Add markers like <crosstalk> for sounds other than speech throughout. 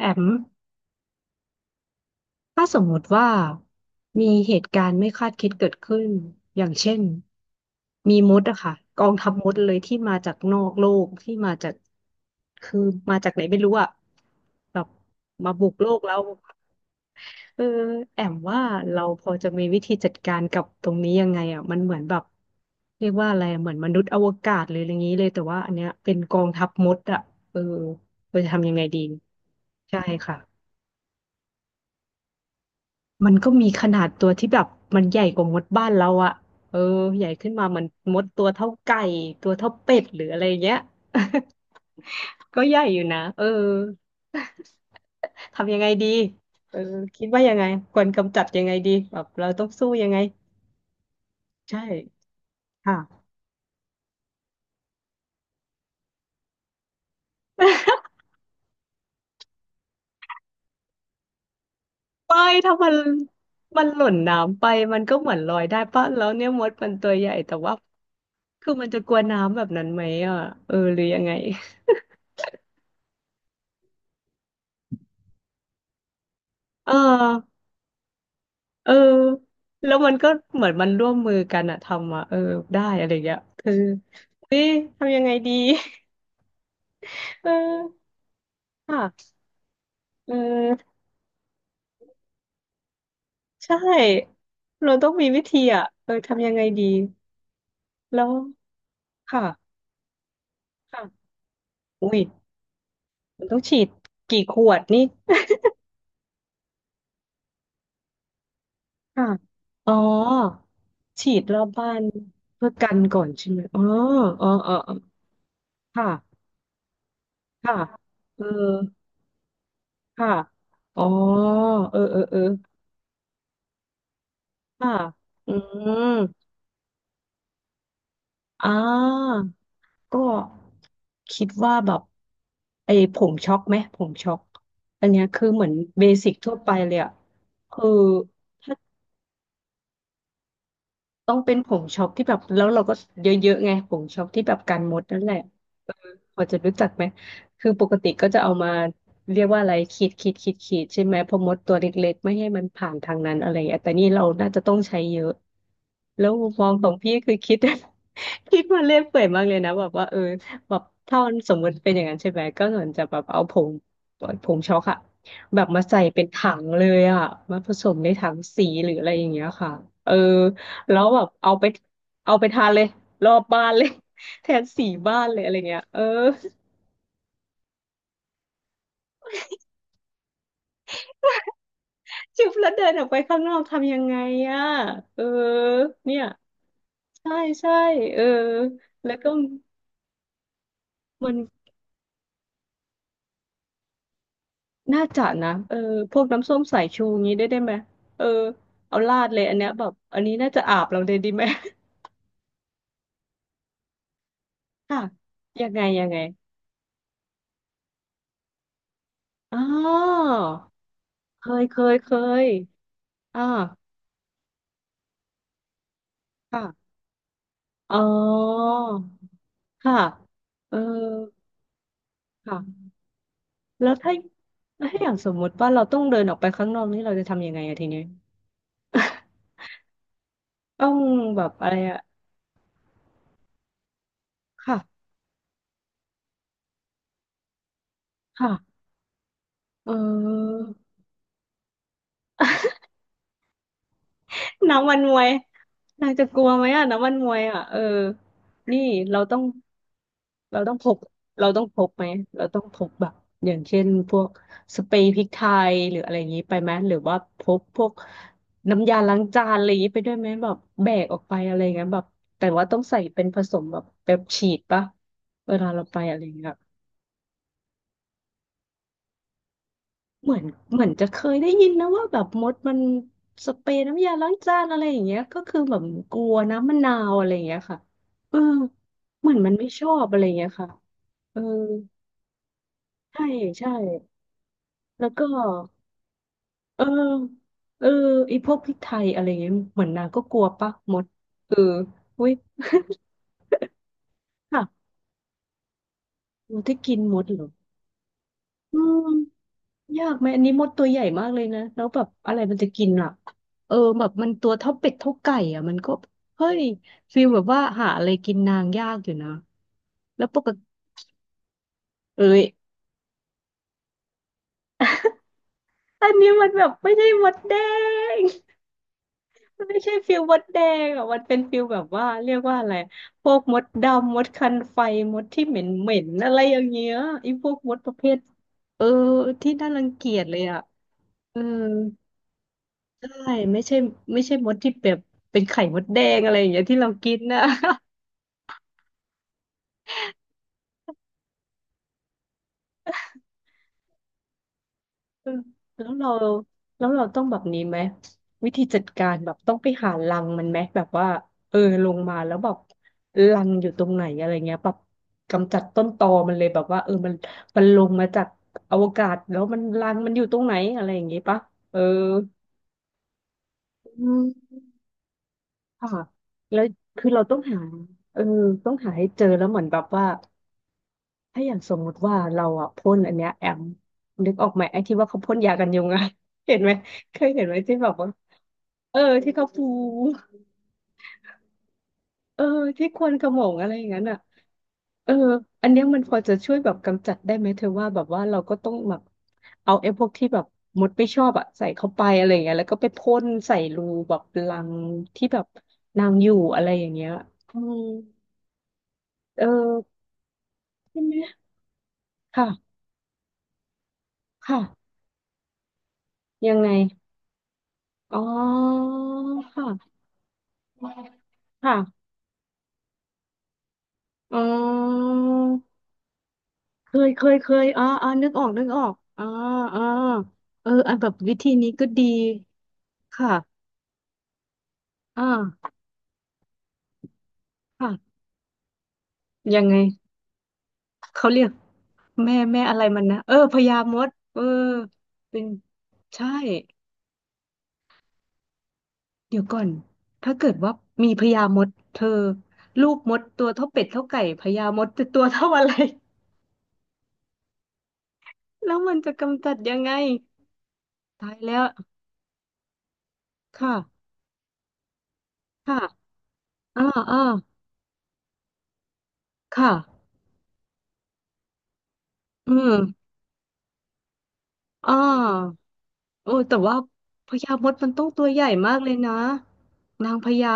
แอมถ้าสมมติว่ามีเหตุการณ์ไม่คาดคิดเกิดขึ้นอย่างเช่นมีมดอะค่ะกองทัพมดเลยที่มาจากนอกโลกที่มาจากคือมาจากไหนไม่รู้อะแบบมาบุกโลกแล้วเออแอมว่าเราพอจะมีวิธีจัดการกับตรงนี้ยังไงอะมันเหมือนแบบเรียกว่าอะไรอะเหมือนมนุษย์อวกาศเลยออะไรอย่างนี้เลยแต่ว่าอันเนี้ยเป็นกองทัพมดอะเออเราจะทำยังไงดีใช่ค่ะ มันก็มีขนาดตัวที่แบบมันใหญ่กว่ามดบ้านเราอะเออใหญ่ขึ้นมาเหมันมดตัวเท่าไก่ตัวเท่าเป็ดหรืออะไรเงี้ย <laughs> ก็ใหญ่อยู่นะเออ <laughs> ทำยังไงดีเออคิดว่ายังไงควรกำจัดยังไงดีแบบเราต้องสู้ยังไงใช่ค่ะ <laughs> ไม่ถ้ามันมันหล่นน้ำไปมันก็เหมือนลอยได้ปะแล้วเนี่ยมดมันตัวใหญ่แต่ว่าคือมันจะกลัวน้ำแบบนั้นไหมอ่ะเออหรือยังไงเออ เออแล้วมันก็เหมือนมันร่วมมือกันอะทำอะเออได้อะไรเงี้ยคือเฮ้ยทำยังไงดี <laughs> เออค่ะเออใช่เราต้องมีวิธีอะเออทำยังไงดี แล้วค่ะค่ะอุ้ยมันต้องฉีดกี่ขวดนี่ค่ะอ๋อฉีดรอบบ้านเพื่อกันก่อนใช่ไหมอ๋ออ๋ออ๋ออ๋อค่ะค่ะเออค่ะอ๋อเออเออเออ ค่ะอืมอ่าก็คิดว่าแบบไอ้ผมช็อกไหมผมช็อกอันเนี้ยคือเหมือนเบสิกทั่วไปเลยอะคือ ต้องเป็นผงช็อปที่แบบแล้วเราก็เยอะๆไงผงช็อปที่แบบกันมดนั่นแหละเออพอจะรู้จักไหมคือปกติก็จะเอามาเรียกว่าอะไรขีดขีดขีดขีดใช่ไหมเพอมดตัวเล็กๆไม่ให้มันผ่านทางนั้นอะไรอย่างเงี้ยแต่นี่เราน่าจะต้องใช้เยอะแล้วมุมมองของพี่คือคิด <laughs> คิดมาเล่นเปื่อยมากเลยนะแบบว่าเออแบบถ้ามันสมมติเป็นอย่างนั้นใช่ไหมก็เหมือนจะแบบเอาผงผงช็อกอะแบบมาใส่เป็นถังเลยอะมาผสมในถังสีหรืออะไรอย่างเงี้ยค่ะเออ แล้วแบบเอาไปเอาไปทานเลยรอบบ้านเลย <laughs> แทนสีบ้านเลยอะไรเงี้ยเออจุ๊บแล้วเดินออกไปข้างนอกทำยังไงอ่ะเออเนี่ยใช่ใช่เออแล้วก็มันน่าจะนะเออพวกน้ำส้มสายชูงี้ได้ได้ไหมเออเอาราดเลยอันเนี้ยแบบอันนี้น่าจะอาบเราเลยดีไหม <laughs> ค่ะ <laughs> ยังไงยังไงอ๋อเคยเคยเคยอ่าค่ะอ๋อ ค่ะเออค่ะ แล้วถ้าถ้าอย่างสมมุติว่าเราต้องเดินออกไปข้างนอกนี่เราจะทำยังไงอะทีเนี้ย <laughs> ต้องแบบอะไรอะ ค่ะ ค่ะ เออ <laughs> น้ำมันมวยนางจะกลัวไหมอะน้ำมันมวยอะเออนี่เราต้อง เราต้องพกเราต้องพกไหมเราต้องพกแบบอย่างเช่นพวกสเปรย์พริกไทยหรืออะไรอย่างนี้ไปไหมหรือว่าพกพวกน้ำยาล้างจานอะไรอย่างนี้ไปด้วยไหมแบบแบกออกไปอะไรอย่างเงี้ยแบบแต่ว่าต้องใส่เป็นผสมแบบแบบฉีดปะเวลาเราไปอะไรอย่างเงี้ยเหมือนเหมือนจะเคยได้ยินนะว่าแบบมดมันสเปรย์น้ำยาล้างจานอะไรอย่างเงี้ยก็คือแบบกลัวน้ำมะนาวอะไรอย่างเงี้ยค่ะเออเหมือนมันไม่ชอบอะไรอย่างเงี้ยค่ะเออใช่ใช่ แล้วก็เออเออไอีพวกพริกไทยอะไรเงี้ยเหมือนนางก็กลัวปะมดเอออุ้ย <laughs> ค่ะมดที่กินมดเหรออืมยากไหมอันนี้มดตัวใหญ่มากเลยนะแล้วแบบอะไรมันจะกินอ่ะเออแบบมันตัวเท่าเป็ดเท่าไก่อ่ะมันก็เฮ้ยฟีลแบบว่าหาอะไรกินนางยากอยู่นะแล้วปกติเอ้ยอันนี้มันแบบไม่ใช่มดแดง มันไม่ใช่ฟิลมดแดงอ่ะมันเป็นฟิลแบบว่าเรียกว่าอะไรพวกมดดำมดคันไฟมดที่เหม็นเหม็นอะไรอย่างเงี้ยไอ้พวกมดประเภทเออที่น่ารังเกียจเลยอ่ะเออใช่ไม่ใช่ไม่ใช่มดที่แบบเป็นไข่มดแดงอะไรอย่างเงี้ยที่เรากินนะ เออแล้วเราแล้วเราต้องแบบนี้ไหมวิธีจัดการแบบต้องไปหารังมันไหมแบบว่าเออลงมาแล้วแบบรังอยู่ตรงไหนอะไรเงี้ยแบบกำจัดต้นตอมันเลยแบบว่าเออมันลงมาจากอวกาศแล้วมันรังมันอยู่ตรงไหนอะไรอย่างงี้ปะเอออืมค่ะแล้วคือเราต้องหาเออต้องหาให้เจอแล้วเหมือนแบบว่าถ้าอย่างสมมุติว่าเราอ่ะพ่นอันเนี้ยแอมนึกออกไหมไอ้ที่ว่าเขาพ่นยากันยุงอะ <laughs> เห็นไหมเคยเห็นไหมที่แบบว่า เออที่เขาฟูเออที่ควนขโมงอะไรอย่างนั้นอ่ะเอออันเนี้ยมันพอจะช่วยแบบกำจัดได้ไหมเธอว่าแบบว่าเราก็ต้องแบบเอาไอ้พวกที่แบบมดไม่ชอบอ่ะใส่เข้าไปอะไรอย่างเงี้ยแล้วก็ไปพ่นใส่รูแบบรังที่แบบนางอยู่อะไรอย่างเงี้ยอืมเออใช่ไหมค่ะค่ะยังไงอ๋อค่ะค่ะอ๋อ เคยเคยเคยอ๋ออ๋อนึกออกนึกออกอ๋ออ๋อเอออันแบบวิธีนี้ก็ดีค่ะอ่าค่ะยังไงเขาเรียกแม่อะไรมันนะเออพญามดเออเป็นใช่เดี๋ยวก่อนถ้าเกิดว่ามีพญามดเธอลูกมดตัวเท่าเป็ดเท่าไก่พญามดจะตัวเท่าอะไร <laughs> แล้วมันจะกำจัดยังไงตายแล้วค่ะค่ะอ่าอ่าค่ะอืมอ่า โอ้แต่ว่าพญามดมันต้องตัวใหญ่มากเลยนะนางพญา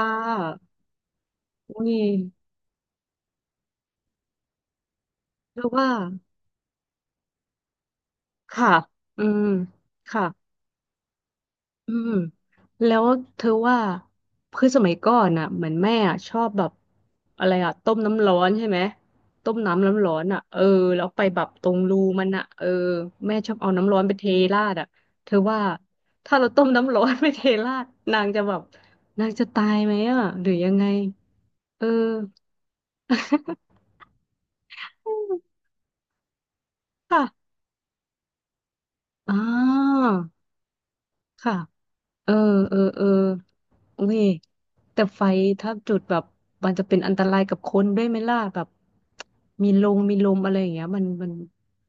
อุ้ยเธอว่าค่ะอืมค่ะอืมแล้วเธอว่าคือสมัยก่อนน่ะเหมือนแม่อะชอบแบบอะไรอ่ะต้มน้ำร้อนใช่ไหมต้มน้ำร้อนอ่ะเออแล้วไปแบบตรงรูมันอ่ะเออแม่ชอบเอาน้ำร้อนไปเทราดอ่ะเธอว่าถ้าเราต้มน้ำร้อนไปเทราดนางจะแบบนางจะตายไหมอ่ะหรือยังไงเออ ค่ะอ่าค่ะเออเออเอออุ้ยแต่ไฟถ้าจุดแบบ มันจะเป็นอันตรายกับคนด้วยไหมล่ะแบบ มีลงมีลมอะไรอย่างเงี้ยมัน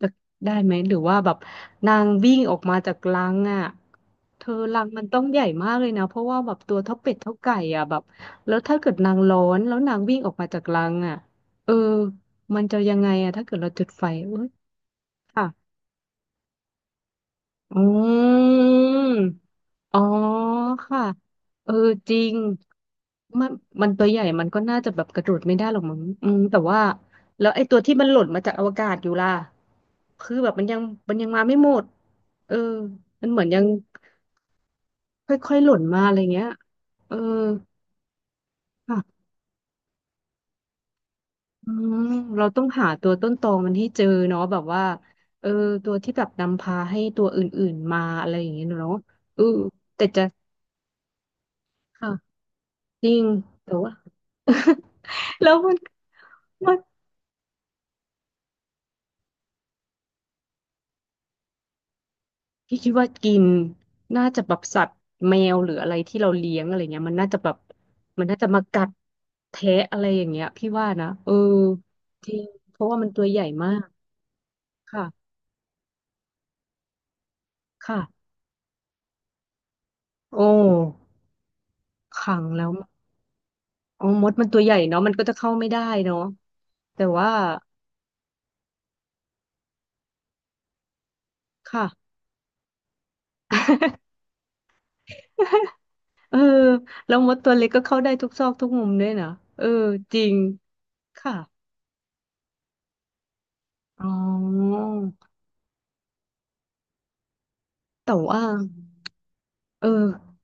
จะได้ไหมหรือว่าแบบนางวิ่งออกมาจากรังอ่ะเธอรังมันต้องใหญ่มากเลยนะเพราะว่าแบบตัวเท่าเป็ดเท่าไก่อ่ะแบบแล้วถ้าเกิดนางร้อนแล้วนางวิ่งออกมาจากรังอ่ะเออมันจะยังไงอ่ะถ้าเกิดเราจุดไฟเอ้ยค่ะอืม อ๋อค่ะเออจริงมันมันตัวใหญ่มันก็น่าจะแบบกระโดดไม่ได้หรอกมั้งอืมแต่ว่าแล้วไอ้ตัวที่มันหล่นมาจากอวกาศอยู่ล่ะคือแบบมันยังมันมาไม่หมดเออมันเหมือนยังค่อยๆหล่นมาอะไรเงี้ยเออค่ะอืมเราต้องหาตัวต้นตอมันให้เจอเนาะแบบว่าเออตัวที่แบบนำพาให้ตัวอื่นๆมาอะไรอย่างเงี้ยเนาะเออแต่จะค่ะจริงแต่ว่า <laughs> แล้วมัน ว่าพี่คิดว่ากินน่าจะแบบสัตว์แมวหรืออะไรที่เราเลี้ยงอะไรเงี้ยมันน่าจะแบบมันน่าจะมากัดแทะอะไรอย่างเงี้ยพี่ว่านะเออจริงเพราะว่ามันตัวใหญ่มากค่ะค่ะโอ้ขังแล้วอ๋อมดมันตัวใหญ่เนาะมันก็จะเข้าไม่ได้เนาะแต่ว่าค่ะ <laughs> เออแล้วมดตัวเล็กก็เข้าได้ทุกซอกทุกมุมด้วยนะเออจริงค่ะอ๋อแต่ว่า เออ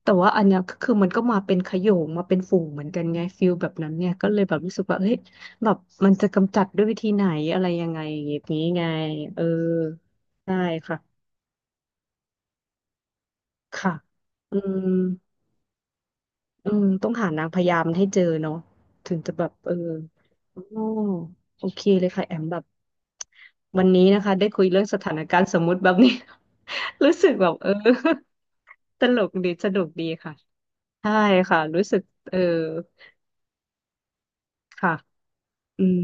แต่ว่าอันเนี้ยก็คือมันก็มาเป็นขโยงมาเป็นฝูงเหมือนกันไงฟิลแบบนั้นเนี่ยก็เลยแบบรู้สึกว่าเฮ้ยแบบมันจะกำจัดด้วยวิธีไหนอะไรยังไงอย่างนี้ไงเออได้ค่ะค่ะอืมอืมต้องหานางพยามให้เจอเนาะถึงจะแบบเอออ๋อโอเคเลยค่ะแอมแบบวันนี้นะคะได้คุยเรื่องสถานการณ์สมมุติแบบนี้ <laughs> รู้สึกแบบเออ <laughs> ตลกดีสนุกดีค่ะใช่ค่ะรู้สึกเออค่ะ อืม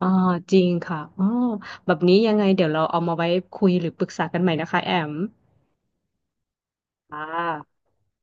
อ่าจริงค่ะอ๋อแบบนี้ยังไง เดี๋ยวเราเอามาไว้คุยหรือปรึกษากันใหม่นะคะแอมค่ะ